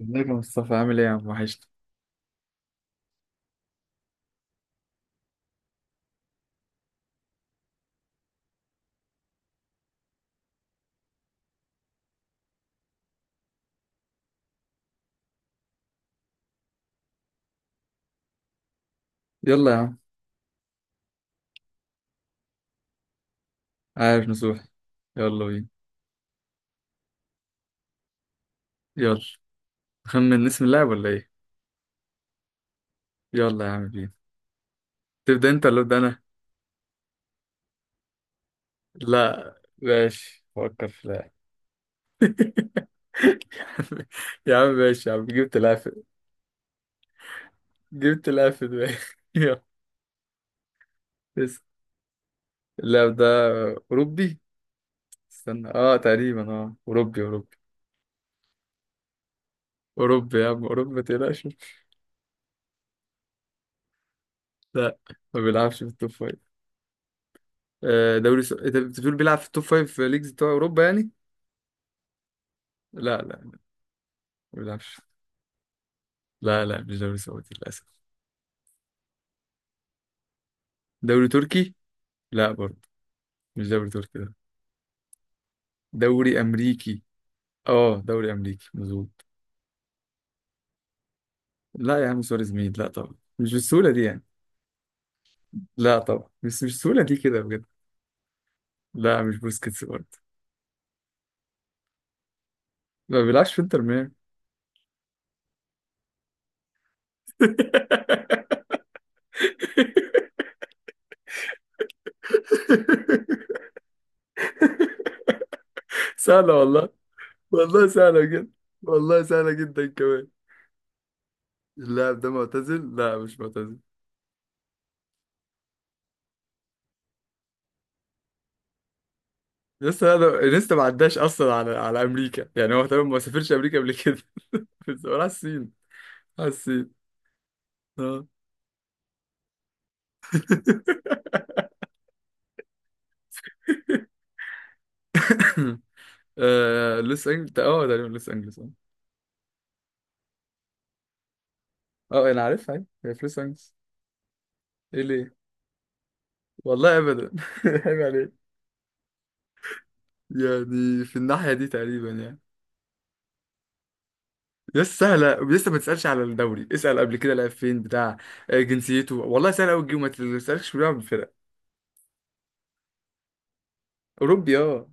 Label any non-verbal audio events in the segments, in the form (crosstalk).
ازيك يا مصطفى؟ عامل ايه يا عم؟ وحشت. يلا يا عم. عارف نصوح. يلا بينا. يلا، خمن اسم اللاعب ولا ايه؟ يلا يا عم بينا. تبدأ انت ولا ابدأ انا؟ لا ماشي، فكر في لاعب. (laughs) يا عم يا عم ماشي يا عم، جبت لاعب في دماغي. (laughs) يلا. بس اللاعب ده اوروبي. استنى، تقريبا اوروبي. اوروبي يا عم، اوروبي ما تقلقش. لا، ما بيلعبش في التوب فايف. آه، دوري س... انت بتقول بيلعب في التوب فايف ليجز بتوع اوروبا يعني. لا لا، ما بيلعبش. لا لا، مش دوري سعودي للأسف. دوري تركي؟ لا برضه، مش دوري تركي ده. دوري أمريكي؟ اه، دوري أمريكي مظبوط. لا يا عم، سواريز مين؟ لا طبعا، مش بالسهولة دي يعني. لا طبعا، بس مش بالسهولة دي كده بجد. لا، مش بوسكيتس برضه. ما بيلعبش في انتر ميامي. (laughs) سهلة والله. والله سهلة جدا. والله سهلة جدا كمان. اللاعب ده معتزل؟ لا، مش معتزل. لسه انا، لسه ما عداش اصلا على امريكا، يعني هو تمام، ما سافرش امريكا قبل كده. (laughs) بس هو راح الصين. راح الصين. اه. (laughs) (coughs) آه، لوس انجلز، اه تقريبا لوس انجلز اه. اه انا عارفها، أيوة. هي في لوس انجلز. ايه ليه؟ والله ابدا. (laughs) عيب عليك. يعني في الناحيه دي تقريبا يعني. لسه سهله، لسه ما تسالش على الدوري، اسال قبل كده لعب فين بتاع. آه، جنسيته، والله سهله قوي تجيبه، ما تسالش بيلعب في فرق. اوروبي اه.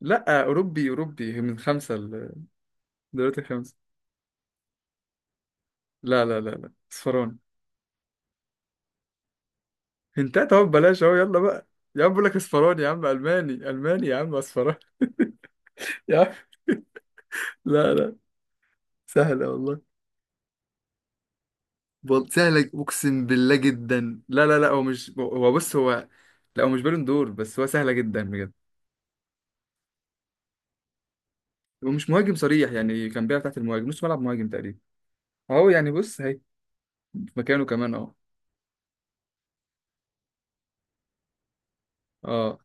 لا، اوروبي اوروبي، من خمسه دوريات الخمسه. لا لا لا لا، اصفراني. هنتات اهو، ببلاش اهو، يلا بقى. يا عم بقول لك اصفراني، يا عم الماني الماني، يا عم اصفراني. (laughs) يا عم. لا لا. سهلة والله. بل... سهلة اقسم بالله جدا. لا لا لا، هو مش هو، بص هو. لا، هو مش بالون دور، بس هو سهلة جدا بجد. ومش مهاجم صريح، يعني كان بيلعب تحت المهاجم، نص ملعب مهاجم تقريبا. اهو يعني، بص هي. في مكانه كمان اهو. اه.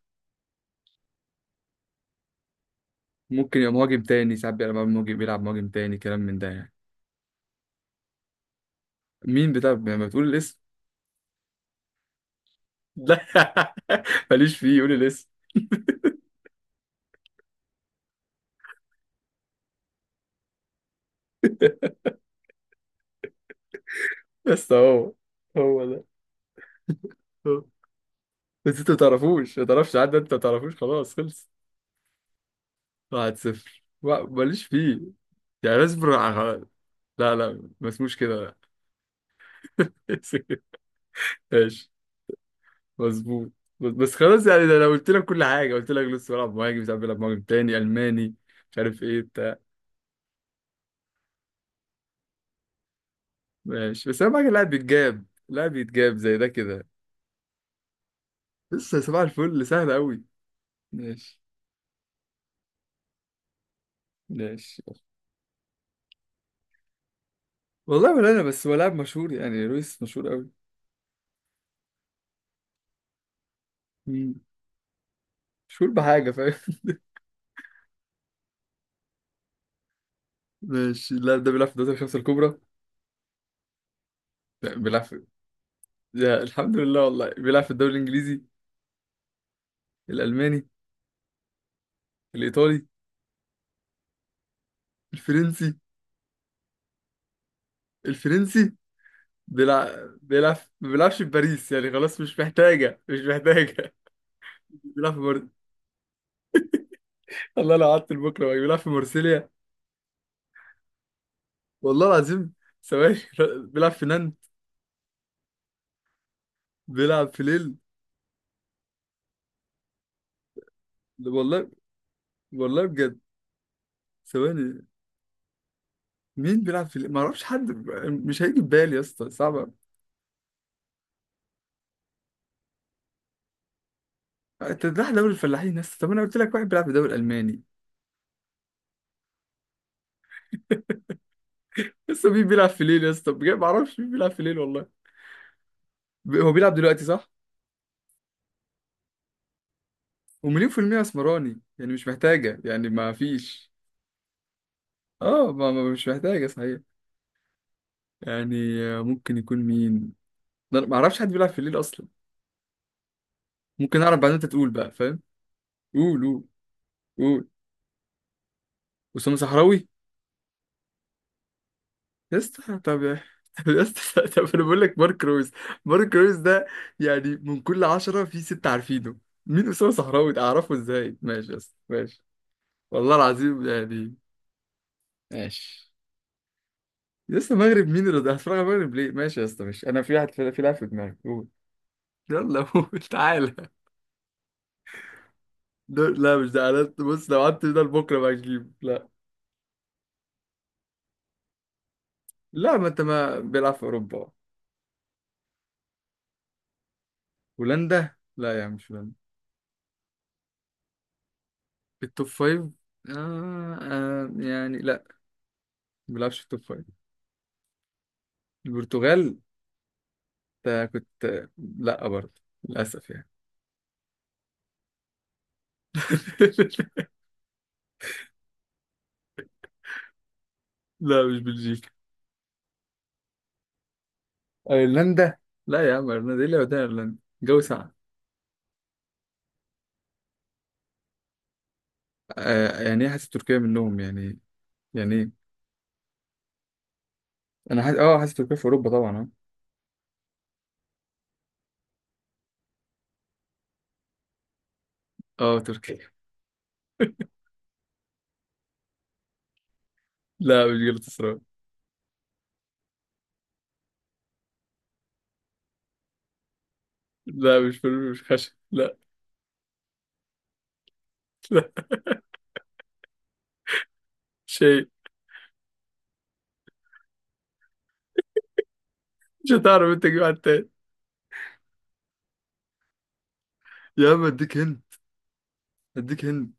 ممكن يبقى مهاجم تاني، ساعات بيلعب مهاجم، بيلعب مهاجم تاني كلام من ده يعني. مين بتاع؟ لما بتقول الاسم. (laughs) لا، ماليش فيه، قول الاسم. بس هو، هو ده، هو. بس انت ما تعرفوش، ما تعرفش، عدى انت، ما تعرفوش خلاص، خلص. واحد صفر، ماليش فيه. يعني اصبر على-. لا لا، ما اسموش كده، لا. (laughs) ماشي. مظبوط. بس خلاص، يعني ده انا قلت لك كل حاجه، قلت لك لسه بلعب مهاجم، ساعات بلعب مهاجم تاني، الماني، مش عارف ايه بتاع. ماشي، بس اهم حاجه اللاعب بيتجاب، اللاعب بيتجاب زي ده كده. لسه صباح الفل، سهل قوي. ماشي. ماشي. والله ولا انا، بس هو لاعب مشهور يعني، لويس مشهور قوي. مش فول بحاجة فاهم. ماشي، اللاعب ده بيلعب في الدوري الخمسة الكبرى. لا، بيلعب في. يا الحمد لله، والله بيلعب في الدوري الإنجليزي. الألماني. الإيطالي. الفرنسي. الفرنسي، بيلعب. ما بيلعبش في باريس يعني، خلاص مش محتاجة، مش محتاجة. (laughs) بيلعب في مر... الله، لو قعدت لبكرة بقى. بيلعب في مرسيليا. والله العظيم. ثواني. (laughs) بيلعب في نانت. بيلعب في ليل. والله. والله بجد. ثواني. مين بيلعب في ليل؟ ما اعرفش حد. مش هيجي في بالي يا اسطى، صعب. تذبح دوري الفلاحين يا اسطى؟ طب انا قلت لك واحد بيلعب في الدوري الالماني. (laughs) لسه. مين بيلعب في ليل يا اسطى؟ بجد ما اعرفش مين بيلعب في ليل والله. ب- هو بيلعب دلوقتي صح؟ ومليون في المية اسمراني يعني، مش محتاجة يعني، ما فيش. اه، ما ما-، مش محتاجة صحيح. يعني آه، ممكن يكون مين؟ ده أنا ما اعرفش حد بيلعب في ليل اصلا. ممكن اعرف بعدين، انت تقول بقى فاهم. قول قول. قول. أسامة صحراوي. يا اسطى طب. (laughs) طب يا اسطى، طب انا بقول لك مارك رويز. مارك رويز ده، يعني من كل عشرة في ستة عارفينه. مين أسامة صحراوي ده؟ اعرفه ازاي؟ ماشي يا اسطى، ماشي. والله العظيم يعني. ماشي. يا اسطى المغرب مين اللي ده؟ هتفرج على المغرب ليه؟ ماشي يا اسطى، ماشي. انا في واحد في لاعب في دماغي، قول. يلا قول. (laughs) تعالى. لا مش ده. أنا- بص، لو قعدت ده لبكره بقى تجيبه، لا. لا، ما انت، ما بيلعب في اوروبا. هولندا؟ لا يا عم، مش هولندا. التوب فايف؟ آه آه يعني لا، ما بيلعبش في التوب فايف. البرتغال؟ ده كنت، لا برضه، للأسف يعني. (laughs) لا مش بلجيكا. ايرلندا؟ لا يا عم، ايرلندا ايه اللي وداها ايرلندا؟ جو ساقع. آه، يعني ايه حاسس تركيا منهم يعني؟ يعني ايه؟ انا حاسس، اه، حاسس تركيا في اوروبا طبعا. اه اه تركيا. لا مش جلطة سراي. لا مش فلفل، مش خشب، لا. لا شيء. مش هتعرف انت تجيب حد تاني؟ يا عم اديك هند، اديك هند،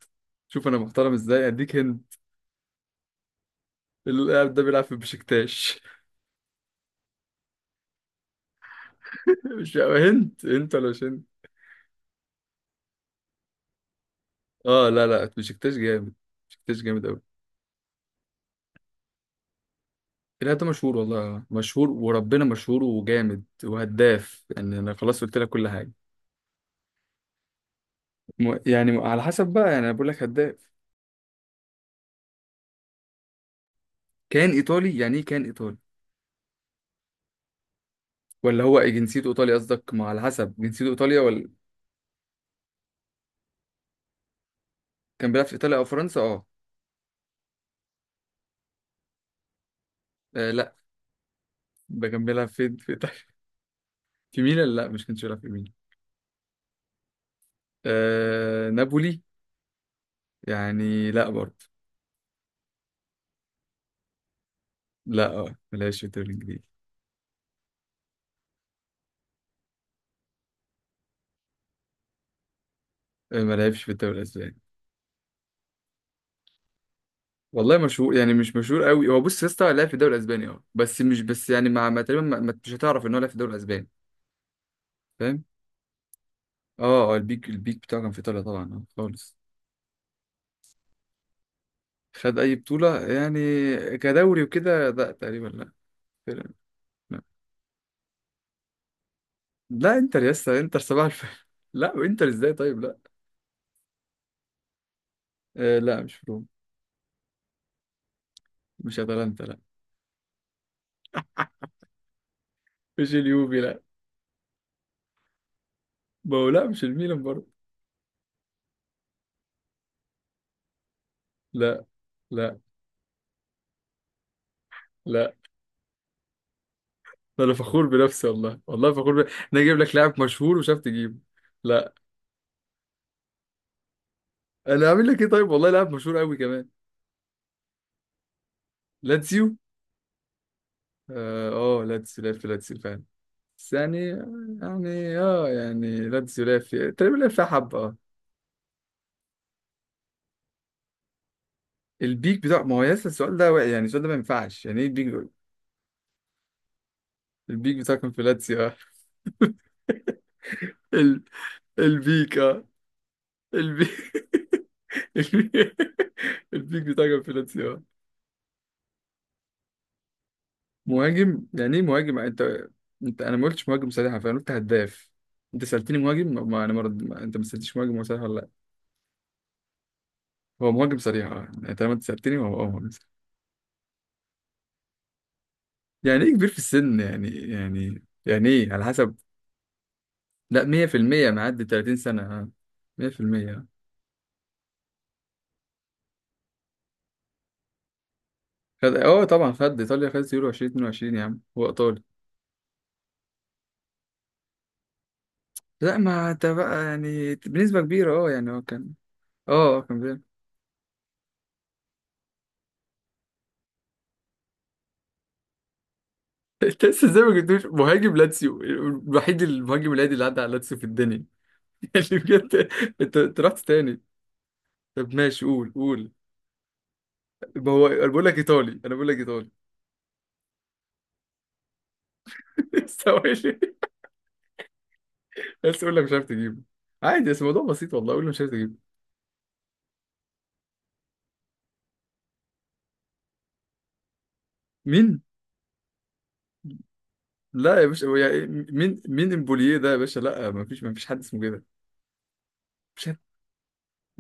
شوف انا محترم ازاي، اديك هند. اللاعب ده بيلعب في بشكتاش. (laughs) مش هند هند ولا مش هند؟ اه لا لا، بشكتاش جامد. بشكتاش جامد قوي. لا ده مشهور، والله مشهور وربنا مشهور وجامد وهداف يعني، انا خلاص قلت لك كل حاجه. م- يعني على حسب بقى، يعني انا بقول لك هداف. كان ايطالي؟ يعني ايه كان ايطالي؟ ولا هو جنسيته ايطالي قصدك؟ ما على حسب جنسيته ايطاليا ولا. كان بيلعب في ايطاليا او فرنسا اه. آه، لا. ده كان بيلعب فين في ايطاليا؟ (laughs) في ميلان؟ لا، مش كانش بيلعب في ميلان. آه نابولي؟ يعني لا برضه. لا، اه، ما لعبش في الدوري الانجليزي. آه، ما لعبش في الدوري الاسباني. والله مشهور يعني، مش مشهور قوي. هو بص يا اسطى، لعب في الدوري الاسباني اه، بس مش بس يعني، مع ما تقريبا، ما- ما-، مش هتعرف ان هو لعب في الدوري الاسباني. فاهم. اه اه البيك بتاعه كان في ايطاليا طبعا، اه خالص. خد اي بطوله يعني، كدوري وكده، لا تقريبا، لا. تقريباً. لا, لا انتر يا اسطى؟ انتر صباح الفل. (laughs) لا، وانتر ازاي؟ طيب لا. آه لا، مش روم. مش اتلانتا لا. مش اليوفي لا. ما هو لا، مش الميلان برضه. لا. لا. لا. ده انا فخور بنفسي، والله والله فخور ب... انا اجيب لك لاعب مشهور وشاف تجيبه. لا، انا عامل لك ايه طيب؟ والله لاعب مشهور قوي كمان. لاتسيو اه. آه، لاتسيو، لعب في لاتسيو فعلا. بس يعني، يعني اه يعني لاتسيو لعب في، تقريبا لعب فيها حبه اه. البيك بتاع، ما هو لسه السؤال ده واقع، يعني السؤال ده ما ينفعش، يعني ايه البيك دول؟ البيك بتاعه كان في لاتسيو اه. (laughs) ال... البيك اه، البيك. (laughs) البيك. البيك بتاعه كان في لاتسيو اه. مهاجم؟ يعني ايه مهاجم انت؟ انت، انا ما قلتش مهاجم صريحه، فانا قلت هداف. انت سالتني مهاجم، ما ما-، انا مرد..., ما..., انت ما سالتش مهاجم هو صريح ولا لا. هو مهاجم صريح اه، يعني طالما انت سألتني هو، اه، مهاجم صريح. يعني ايه كبير في السن يعني ايه على حسب. لا 100% معدي 30 سنة اه، 100%. خد، اه طبعا خد ايطاليا خدت يورو 2022 يا عم، هو ايطالي. لا ما انت بقى، يعني بنسبة كبيرة اه، يعني هو كان. اه آه، كان بيعمل. (laughs) انت لسه ازاي ما جبتوش مهاجم لاتسيو الوحيد، المهاجم العادي اللي عدى على لاتسيو في الدنيا. (laughs) يعني بجد. انت رحت تاني؟ طب ماشي، قول قول. ما هو انا بقول لك ايطالي، انا بقول لك ايطالي. (laughs) استوعب. بس يقول لك مش عارف تجيبه، عادي، بس الموضوع بسيط والله، قول له مش عارف تجيبه. مين؟ لا يا باشا، هو يعني مين امبوليه ده يا باشا؟ لا ما فيش، ما فيش حد اسمه كده. مفيش حد،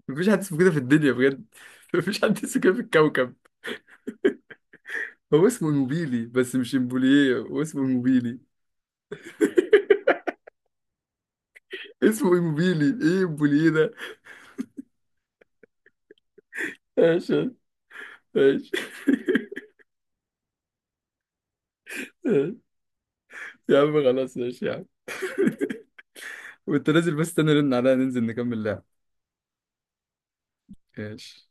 مفيش حد اسمه كده في الدنيا بجد. (laughs) مفيش حد اسمه كده في الكوكب. هو اسمه ايموبيلي، بس مش امبوليه، هو اسمه ايموبيلي. اسمه ايموبيلي، ايه امبوليه ده؟ ماشي. ماشي. (laughs) ماشي. يا عم خلاص، ماشي يا عم. وانت نازل، بس استنى رن عليا ننزل نكمل لعب. ماشي.